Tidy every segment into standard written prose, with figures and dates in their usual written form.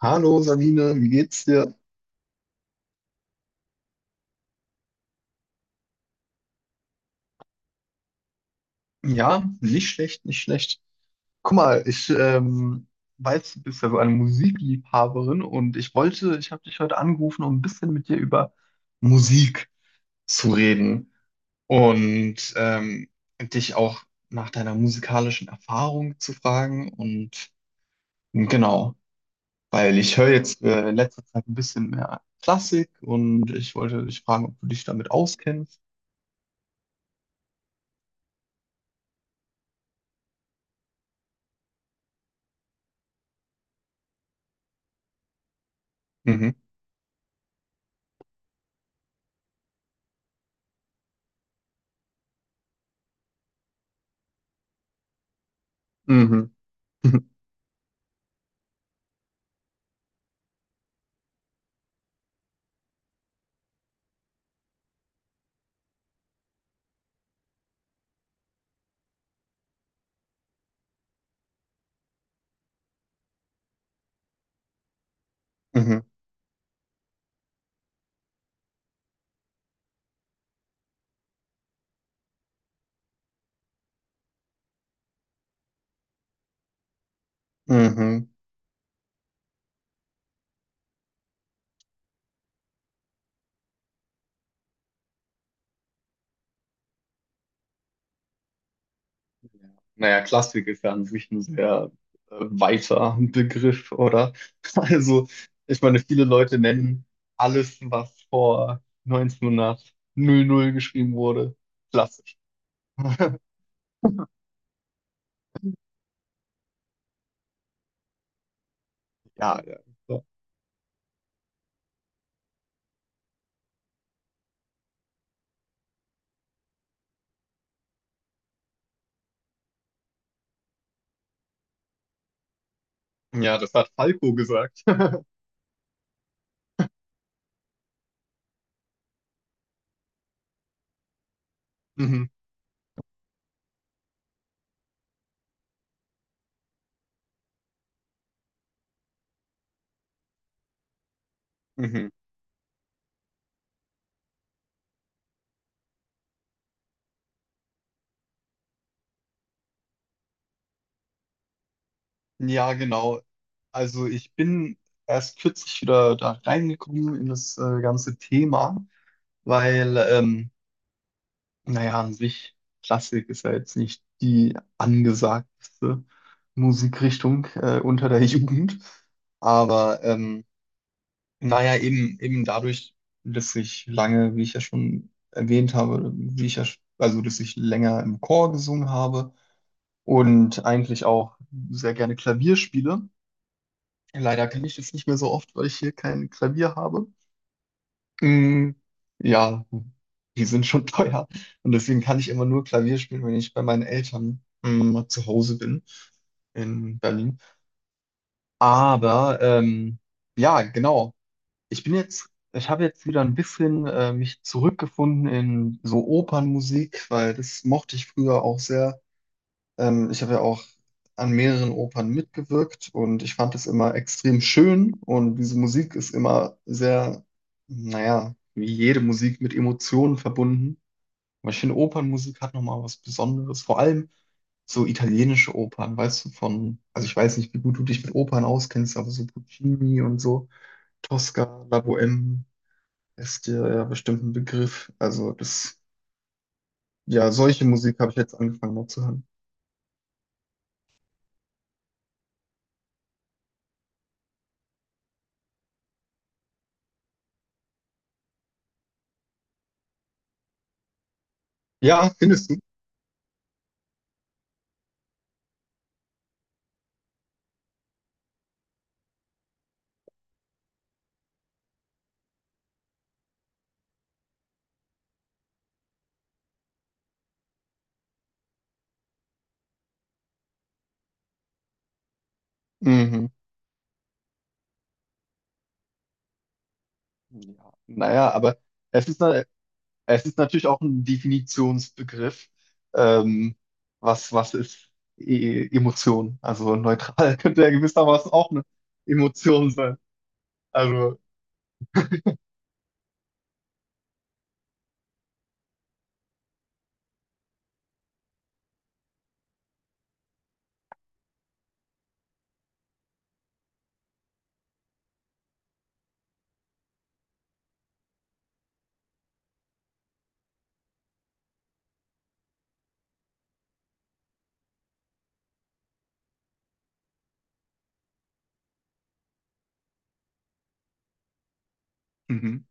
Hallo Sabine, wie geht's dir? Ja, nicht schlecht, nicht schlecht. Guck mal, ich weiß, du bist ja so eine Musikliebhaberin und ich wollte, ich habe dich heute angerufen, um ein bisschen mit dir über Musik zu reden und dich auch nach deiner musikalischen Erfahrung zu fragen und genau, weil ich höre jetzt in letzter Zeit ein bisschen mehr Klassik und ich wollte dich fragen, ob du dich damit auskennst. Mhm. Mhm. Mhm. Mhm. Ja. Naja, Klassik ist ja an sich ein sehr weiter Begriff, oder? Also, ich meine, viele Leute nennen alles, was vor 1900 geschrieben wurde, klassisch. Ja, ja. So. Ja, das hat Falco gesagt. Mhm. Mhm. Ja, genau. Also ich bin erst kürzlich wieder da reingekommen in das ganze Thema, weil naja, an sich, Klassik ist ja jetzt nicht die angesagteste Musikrichtung unter der Jugend. Aber naja, eben, eben dadurch, dass ich lange, wie ich ja schon erwähnt habe, wie ich ja, also dass ich länger im Chor gesungen habe und eigentlich auch sehr gerne Klavier spiele. Leider kann ich das nicht mehr so oft, weil ich hier kein Klavier habe. Mm, ja, die sind schon teuer. Und deswegen kann ich immer nur Klavier spielen, wenn ich bei meinen Eltern mal zu Hause bin in Berlin. Aber ja, genau. Ich bin jetzt, ich habe jetzt wieder ein bisschen mich zurückgefunden in so Opernmusik, weil das mochte ich früher auch sehr. Ich habe ja auch an mehreren Opern mitgewirkt und ich fand es immer extrem schön und diese Musik ist immer sehr, naja, wie jede Musik mit Emotionen verbunden. Aber ich finde, Opernmusik hat nochmal was Besonderes, vor allem so italienische Opern, weißt du, von, also ich weiß nicht, wie gut du dich mit Opern auskennst, aber so Puccini und so, Tosca, La Bohème ist dir ja bestimmt ein Begriff. Also das, ja, solche Musik habe ich jetzt angefangen mal zu hören. Ja, findest du? Mhm. Ja, naja, aber es ist, na- es ist natürlich auch ein Definitionsbegriff. Ähm, was ist Emotion? Also neutral könnte ja gewissermaßen auch eine Emotion sein. Also, mhm,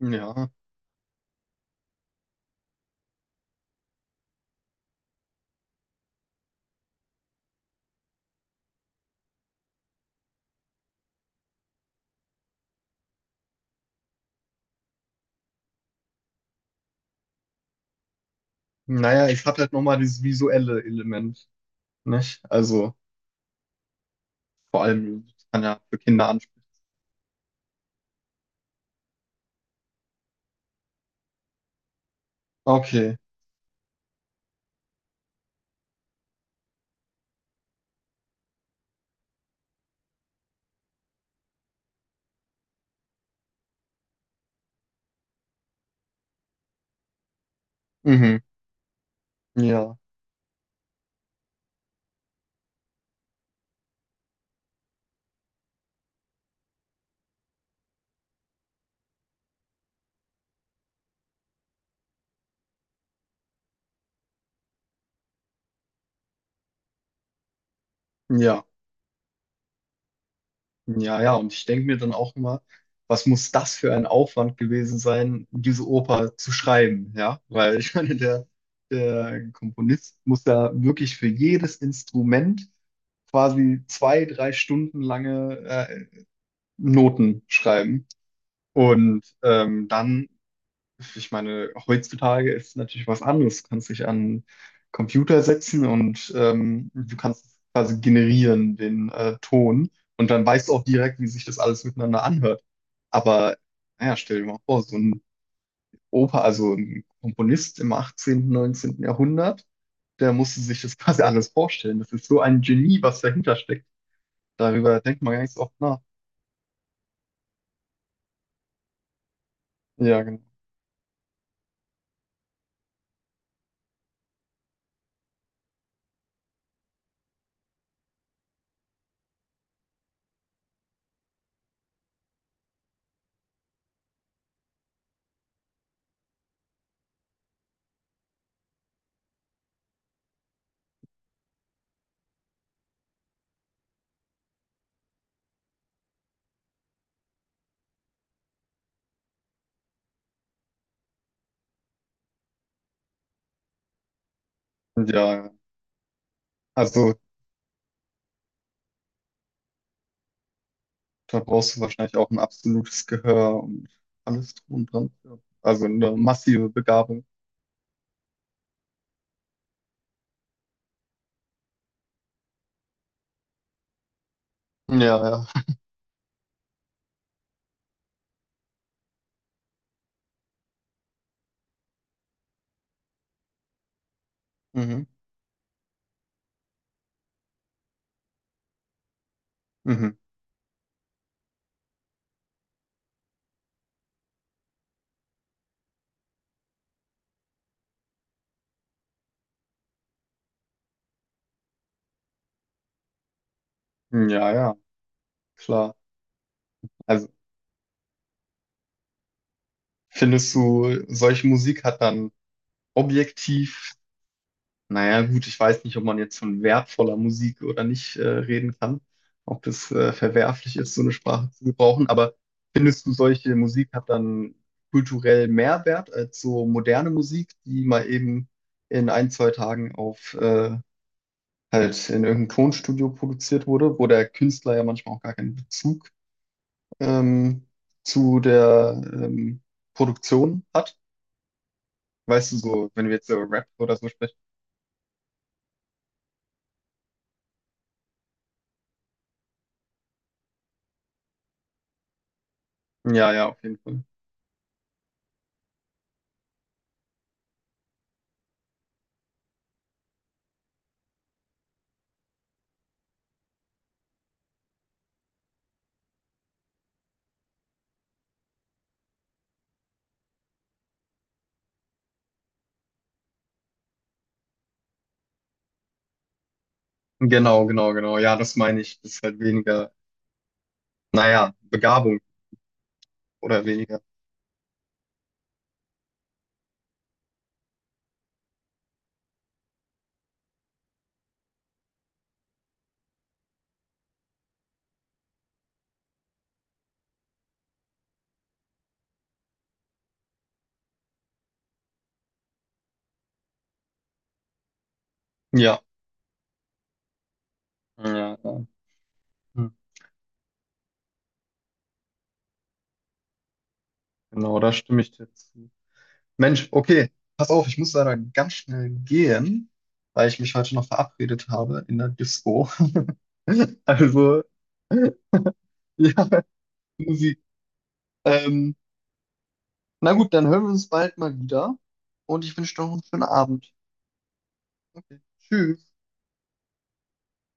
ja. Naja, es hat halt nochmal dieses visuelle Element, nicht? Also, vor allem, das kann ja für Kinder ansprechen. Okay, mhm, ja, ja. Ja, ja, und ich denke mir dann auch immer, was muss das für ein Aufwand gewesen sein, diese Oper zu schreiben, ja? Weil ich meine, der Komponist muss da wirklich für jedes Instrument quasi zwei, drei Stunden lange Noten schreiben. Und dann ich meine, heutzutage ist natürlich was anderes. Du kannst dich an Computer setzen und du kannst quasi generieren den Ton und dann weißt du auch direkt, wie sich das alles miteinander anhört. Aber naja, stell dir mal vor, so ein Oper, also ein Komponist im 18., 19. Jahrhundert, der musste sich das quasi alles vorstellen. Das ist so ein Genie, was dahinter steckt. Darüber denkt man gar nicht so oft nach. Ja, genau. Ja, also da brauchst du wahrscheinlich auch ein absolutes Gehör und alles drum und dran. Ja. Also eine massive Begabung. Ja, ja. Mhm. Mhm. Ja, ja, klar. Also findest du, solche Musik hat dann objektiv, naja gut, ich weiß nicht, ob man jetzt von wertvoller Musik oder nicht reden kann, ob das verwerflich ist, so eine Sprache zu gebrauchen, aber findest du, solche Musik hat dann kulturell mehr Wert als so moderne Musik, die mal eben in ein, zwei Tagen auf halt in irgendeinem Tonstudio produziert wurde, wo der Künstler ja manchmal auch gar keinen Bezug ähm, zu der Produktion hat. Weißt du, so, wenn wir jetzt über Rap oder so sprechen. Ja, ja, auf jeden Fall. Genau, genau, genau. Ja, das meine ich. Das ist halt weniger, naja, Begabung oder weniger. Ja, ja, ja. Hm. Genau, da stimme ich dir zu. Mensch, okay, pass auf, ich muss leider ganz schnell gehen, weil ich mich heute noch verabredet habe in der Disco. Also, ja. Musik. Ähm, na gut, dann hören wir uns bald mal wieder und ich wünsche noch einen schönen Abend. Okay. Tschüss.